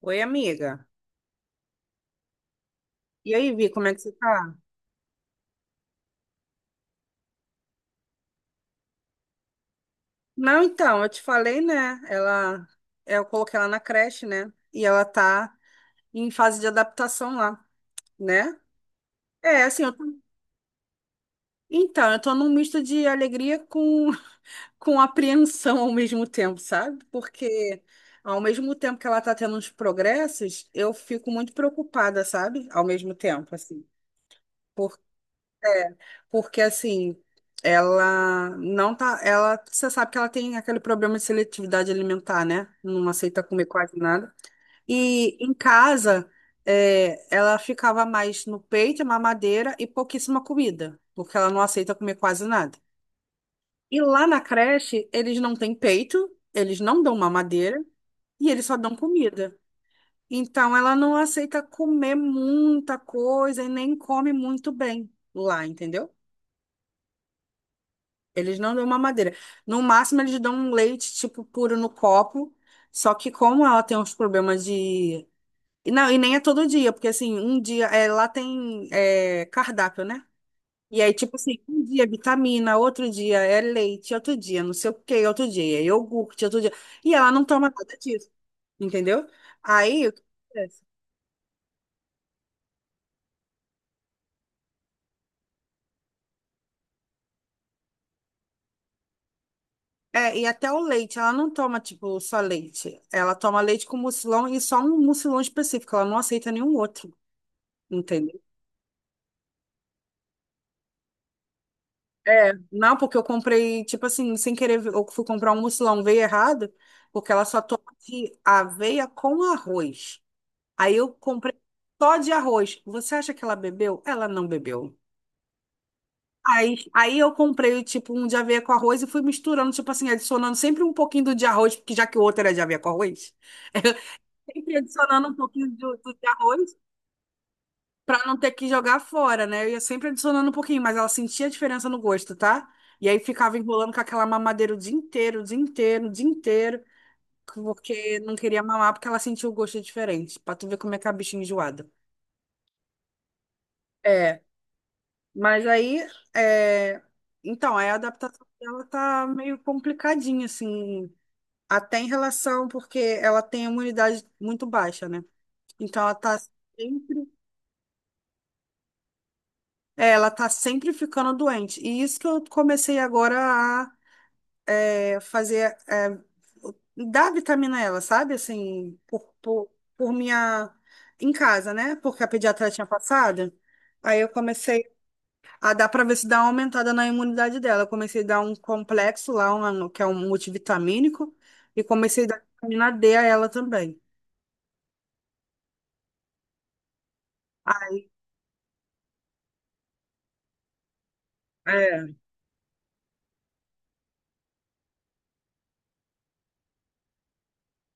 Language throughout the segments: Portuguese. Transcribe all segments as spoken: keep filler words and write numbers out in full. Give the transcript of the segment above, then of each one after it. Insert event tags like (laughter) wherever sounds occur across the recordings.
Oi, amiga. E aí, Vi, como é que você tá? Não, então, eu te falei, né? Ela, é, eu coloquei ela na creche, né? E ela tá em fase de adaptação lá, né? É, assim, eu tô... então, eu tô num misto de alegria com, (laughs) com apreensão ao mesmo tempo, sabe? Porque ao mesmo tempo que ela tá tendo uns progressos, eu fico muito preocupada, sabe? Ao mesmo tempo, assim. É, porque assim, ela não tá, ela, você sabe que ela tem aquele problema de seletividade alimentar, né? Não aceita comer quase nada. E em casa, é, ela ficava mais no peito, mamadeira e pouquíssima comida, porque ela não aceita comer quase nada. E lá na creche, eles não têm peito, eles não dão mamadeira e eles só dão comida. Então ela não aceita comer muita coisa e nem come muito bem lá, entendeu? Eles não dão mamadeira. No máximo, eles dão um leite, tipo, puro no copo. Só que como ela tem uns problemas de... e Não, e nem é todo dia, porque, assim, um dia... É, lá tem é, cardápio, né? E aí, tipo assim, um dia é vitamina, outro dia é leite, outro dia não sei o quê, outro dia é iogurte, outro dia... E ela não toma nada disso, entendeu? Aí, o que acontece? É, e até o leite, ela não toma, tipo, só leite. Ela toma leite com mucilão e só um mucilão específico. Ela não aceita nenhum outro. Entendeu? É, não, porque eu comprei, tipo assim, sem querer, eu fui comprar um mucilão, veio errado, porque ela só toma de aveia com arroz. Aí eu comprei só de arroz. Você acha que ela bebeu? Ela não bebeu. Aí, aí eu comprei, tipo, um de aveia com arroz e fui misturando, tipo assim, adicionando sempre um pouquinho do de arroz, porque já que o outro era de aveia com arroz, (laughs) sempre adicionando um pouquinho do, do de arroz. Pra não ter que jogar fora, né? Eu ia sempre adicionando um pouquinho, mas ela sentia a diferença no gosto, tá? E aí ficava enrolando com aquela mamadeira o dia inteiro, o dia inteiro, o dia inteiro, porque não queria mamar porque ela sentia o gosto diferente, pra tu ver como é que é a bichinha enjoada. É, mas aí, é... então, aí a adaptação dela tá meio complicadinha, assim, até em relação, porque ela tem a imunidade muito baixa, né? Então ela tá sempre, é, ela tá sempre ficando doente. E isso que eu comecei agora é, fazer, é, dar vitamina a ela, sabe? Assim, por, por, por minha. Em casa, né? Porque a pediatra tinha passado. Aí eu comecei a dar para ver se dá uma aumentada na imunidade dela. Eu comecei a dar um complexo lá, uma- que é um multivitamínico, e comecei a dar vitamina D a ela também. É,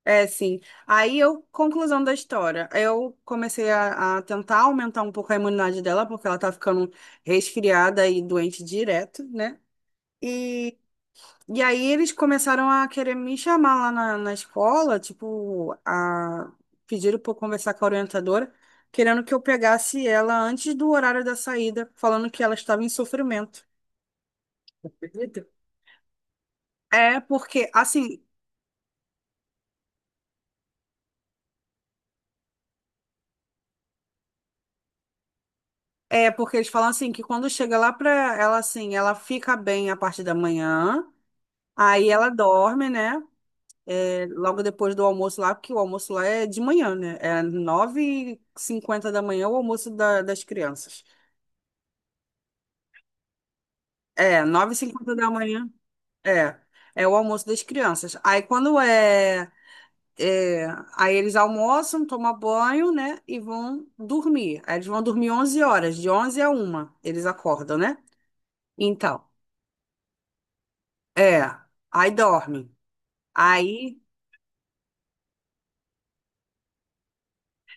é sim. Aí eu, conclusão da história, eu comecei a, a tentar aumentar um pouco a imunidade dela, porque ela tá ficando resfriada e doente direto, né? E aí eles começaram a querer me chamar lá na, na escola, tipo, a pediram para conversar com a orientadora, querendo que eu pegasse ela antes do horário da saída, falando que ela estava em sofrimento. Acredito. É porque assim, é porque eles falam assim que quando chega lá pra ela assim, ela fica bem a parte da manhã, aí ela dorme, né? É, logo depois do almoço lá, porque o almoço lá é de manhã, né? É nove e cinquenta da manhã o almoço da- das crianças. É, nove e cinquenta da manhã. É, é o almoço das crianças. Aí quando é, é, aí eles almoçam, tomam banho, né, e vão dormir. Aí eles vão dormir onze horas, de onze a uma eles acordam, né? Então, é, aí dorme. Aí,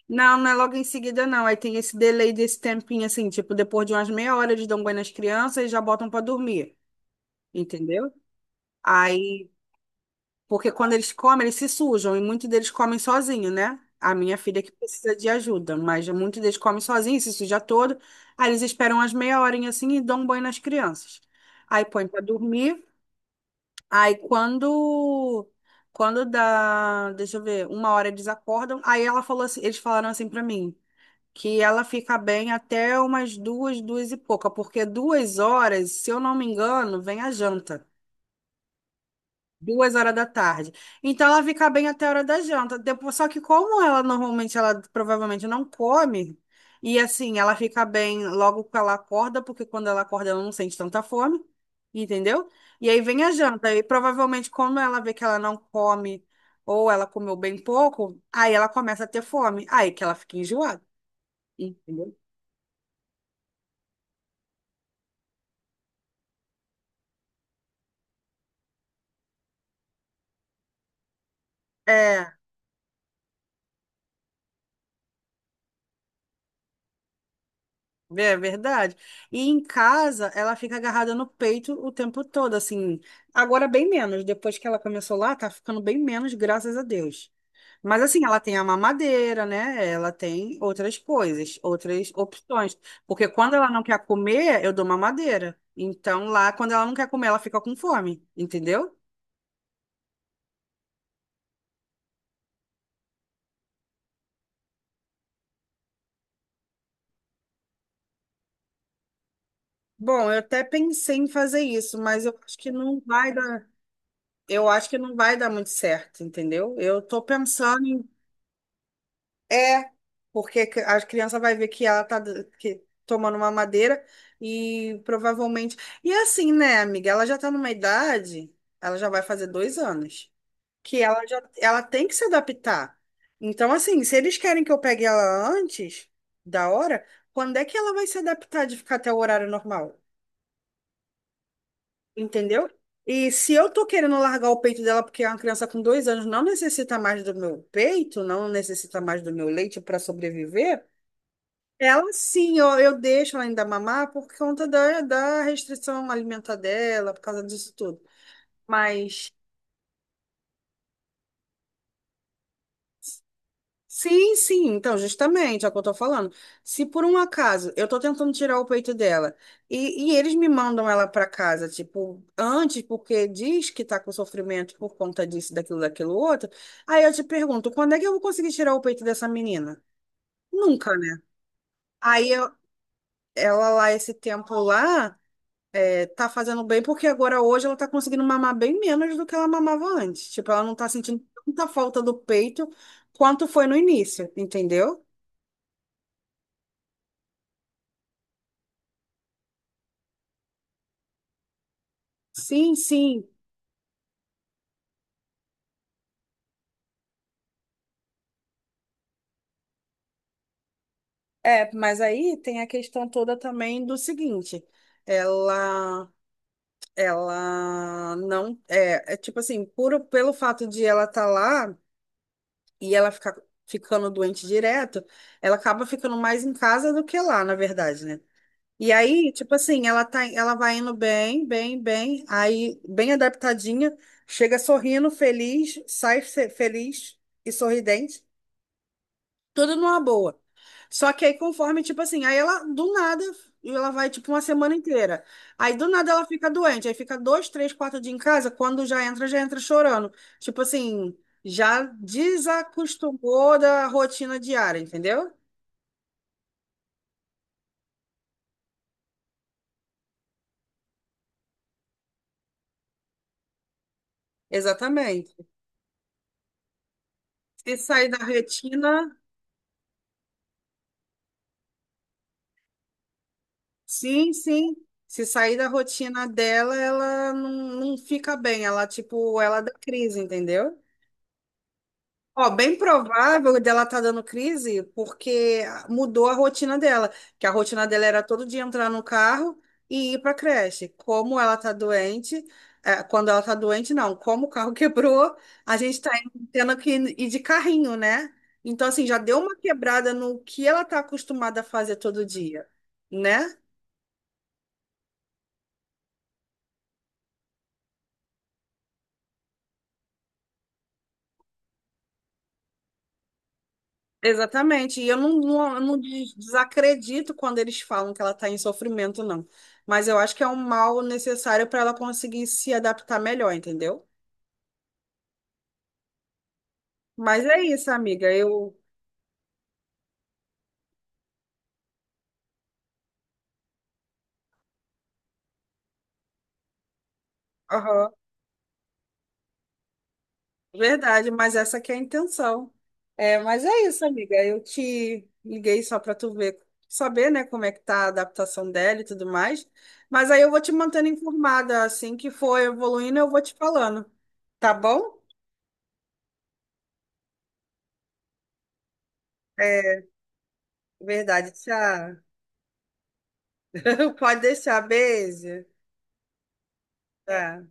não, não é logo em seguida, não. Aí tem esse delay desse tempinho, assim, tipo, depois de umas meia hora eles dão banho nas crianças e já botam pra dormir, entendeu? Aí, porque quando eles comem, eles se sujam e muitos deles comem sozinho, né? A minha filha que precisa de ajuda, mas muitos deles comem sozinho, se suja todo. Aí eles esperam umas meia horinha assim e dão um banho nas crianças. Aí põe pra dormir. Aí quando quando dá, deixa eu ver, uma hora eles acordam. Aí ela falou assim, eles falaram assim pra mim, que ela fica bem até umas duas, duas e pouca, porque duas horas, se eu não me engano, vem a janta. Duas horas da tarde. Então ela fica bem até a hora da janta. Depois, só que como ela normalmente, ela provavelmente não come, e assim, ela fica bem logo que ela acorda, porque quando ela acorda ela não sente tanta fome, entendeu? E aí vem a janta. E provavelmente, como ela vê que ela não come, ou ela comeu bem pouco, aí ela começa a ter fome. Aí que ela fica enjoada, entendeu? É. É verdade. E em casa, ela fica agarrada no peito o tempo todo, assim. Agora, bem menos. Depois que ela começou lá, tá ficando bem menos, graças a Deus. Mas, assim, ela tem a mamadeira, né? Ela tem outras coisas, outras opções. Porque quando ela não quer comer, eu dou mamadeira. Então, lá, quando ela não quer comer, ela fica com fome, entendeu? Bom, eu até pensei em fazer isso, mas eu acho que não vai dar. Eu acho que não vai dar muito certo, entendeu? Eu tô pensando em. É, porque que- a criança vai ver que ela tá d- que, tomando uma madeira e provavelmente. E assim, né, amiga? Ela já tá numa idade, ela já vai fazer dois anos, que ela já ela tem que se adaptar. Então, assim, se eles querem que eu pegue ela antes da hora, quando é que ela vai se adaptar de ficar até o horário normal? Entendeu? E se eu tô querendo largar o peito dela porque é uma criança com dois anos não necessita mais do meu peito, não necessita mais do meu leite para sobreviver. Ela sim, eu, eu deixo ela ainda mamar por conta da, da restrição alimentar dela, por causa disso tudo. Mas sim, sim, então, justamente, é o que eu tô falando. Se por um acaso eu tô tentando tirar o peito dela e, e eles me mandam ela pra casa, tipo, antes, porque diz que tá com sofrimento por conta disso, daquilo, daquilo outro, aí eu te pergunto, quando é que eu vou conseguir tirar o peito dessa menina? Nunca, né? Aí eu, ela lá, esse tempo lá. Tá fazendo bem porque agora hoje ela tá conseguindo mamar bem menos do que ela mamava antes. Tipo, ela não tá sentindo tanta falta do peito quanto foi no início, entendeu? Sim, sim. É, mas aí tem a questão toda também do seguinte, ela ela não é, é tipo assim, puro pelo fato de ela estar tá lá e ela ficar ficando doente direto, ela acaba ficando mais em casa do que lá, na verdade, né? E aí, tipo assim, ela tá, ela vai indo bem, bem, bem, aí bem adaptadinha, chega sorrindo, feliz, sai fe- feliz e sorridente, tudo numa boa. Só que aí conforme, tipo assim, aí ela do nada, ela vai tipo uma semana inteira. Aí do nada ela fica doente, aí fica dois, três, quatro dias em casa, quando já entra, já entra chorando. Tipo assim, já desacostumou da rotina diária, entendeu? Exatamente. Se sair da retina, sim, sim. Se sair da rotina dela, ela não, não fica bem. Ela, tipo, ela dá crise, entendeu? Ó, bem provável dela tá dando crise porque mudou a rotina dela. Que a rotina dela era todo dia entrar no carro e ir pra creche. Como ela tá doente, é, quando ela tá doente, não. Como o carro (laughs) quebrou, a gente tá indo- tendo que ir de carrinho, né? Então, assim, já deu uma quebrada no que ela tá acostumada a fazer todo dia, né? Exatamente. E eu não, não, eu não des- desacredito quando eles falam que ela está em sofrimento, não. Mas eu acho que é um mal necessário para ela conseguir se adaptar melhor, entendeu? Mas é isso, amiga. Eu. Aham, verdade, mas essa que é a intenção. É, mas é isso, amiga. Eu te liguei só para tu ver, saber, né, como é que tá a adaptação dela e tudo mais. Mas aí eu vou te mantendo informada. Assim que for evoluindo, eu vou te falando. Tá bom? É, verdade. Tchau. Pode deixar, beijo. Tá.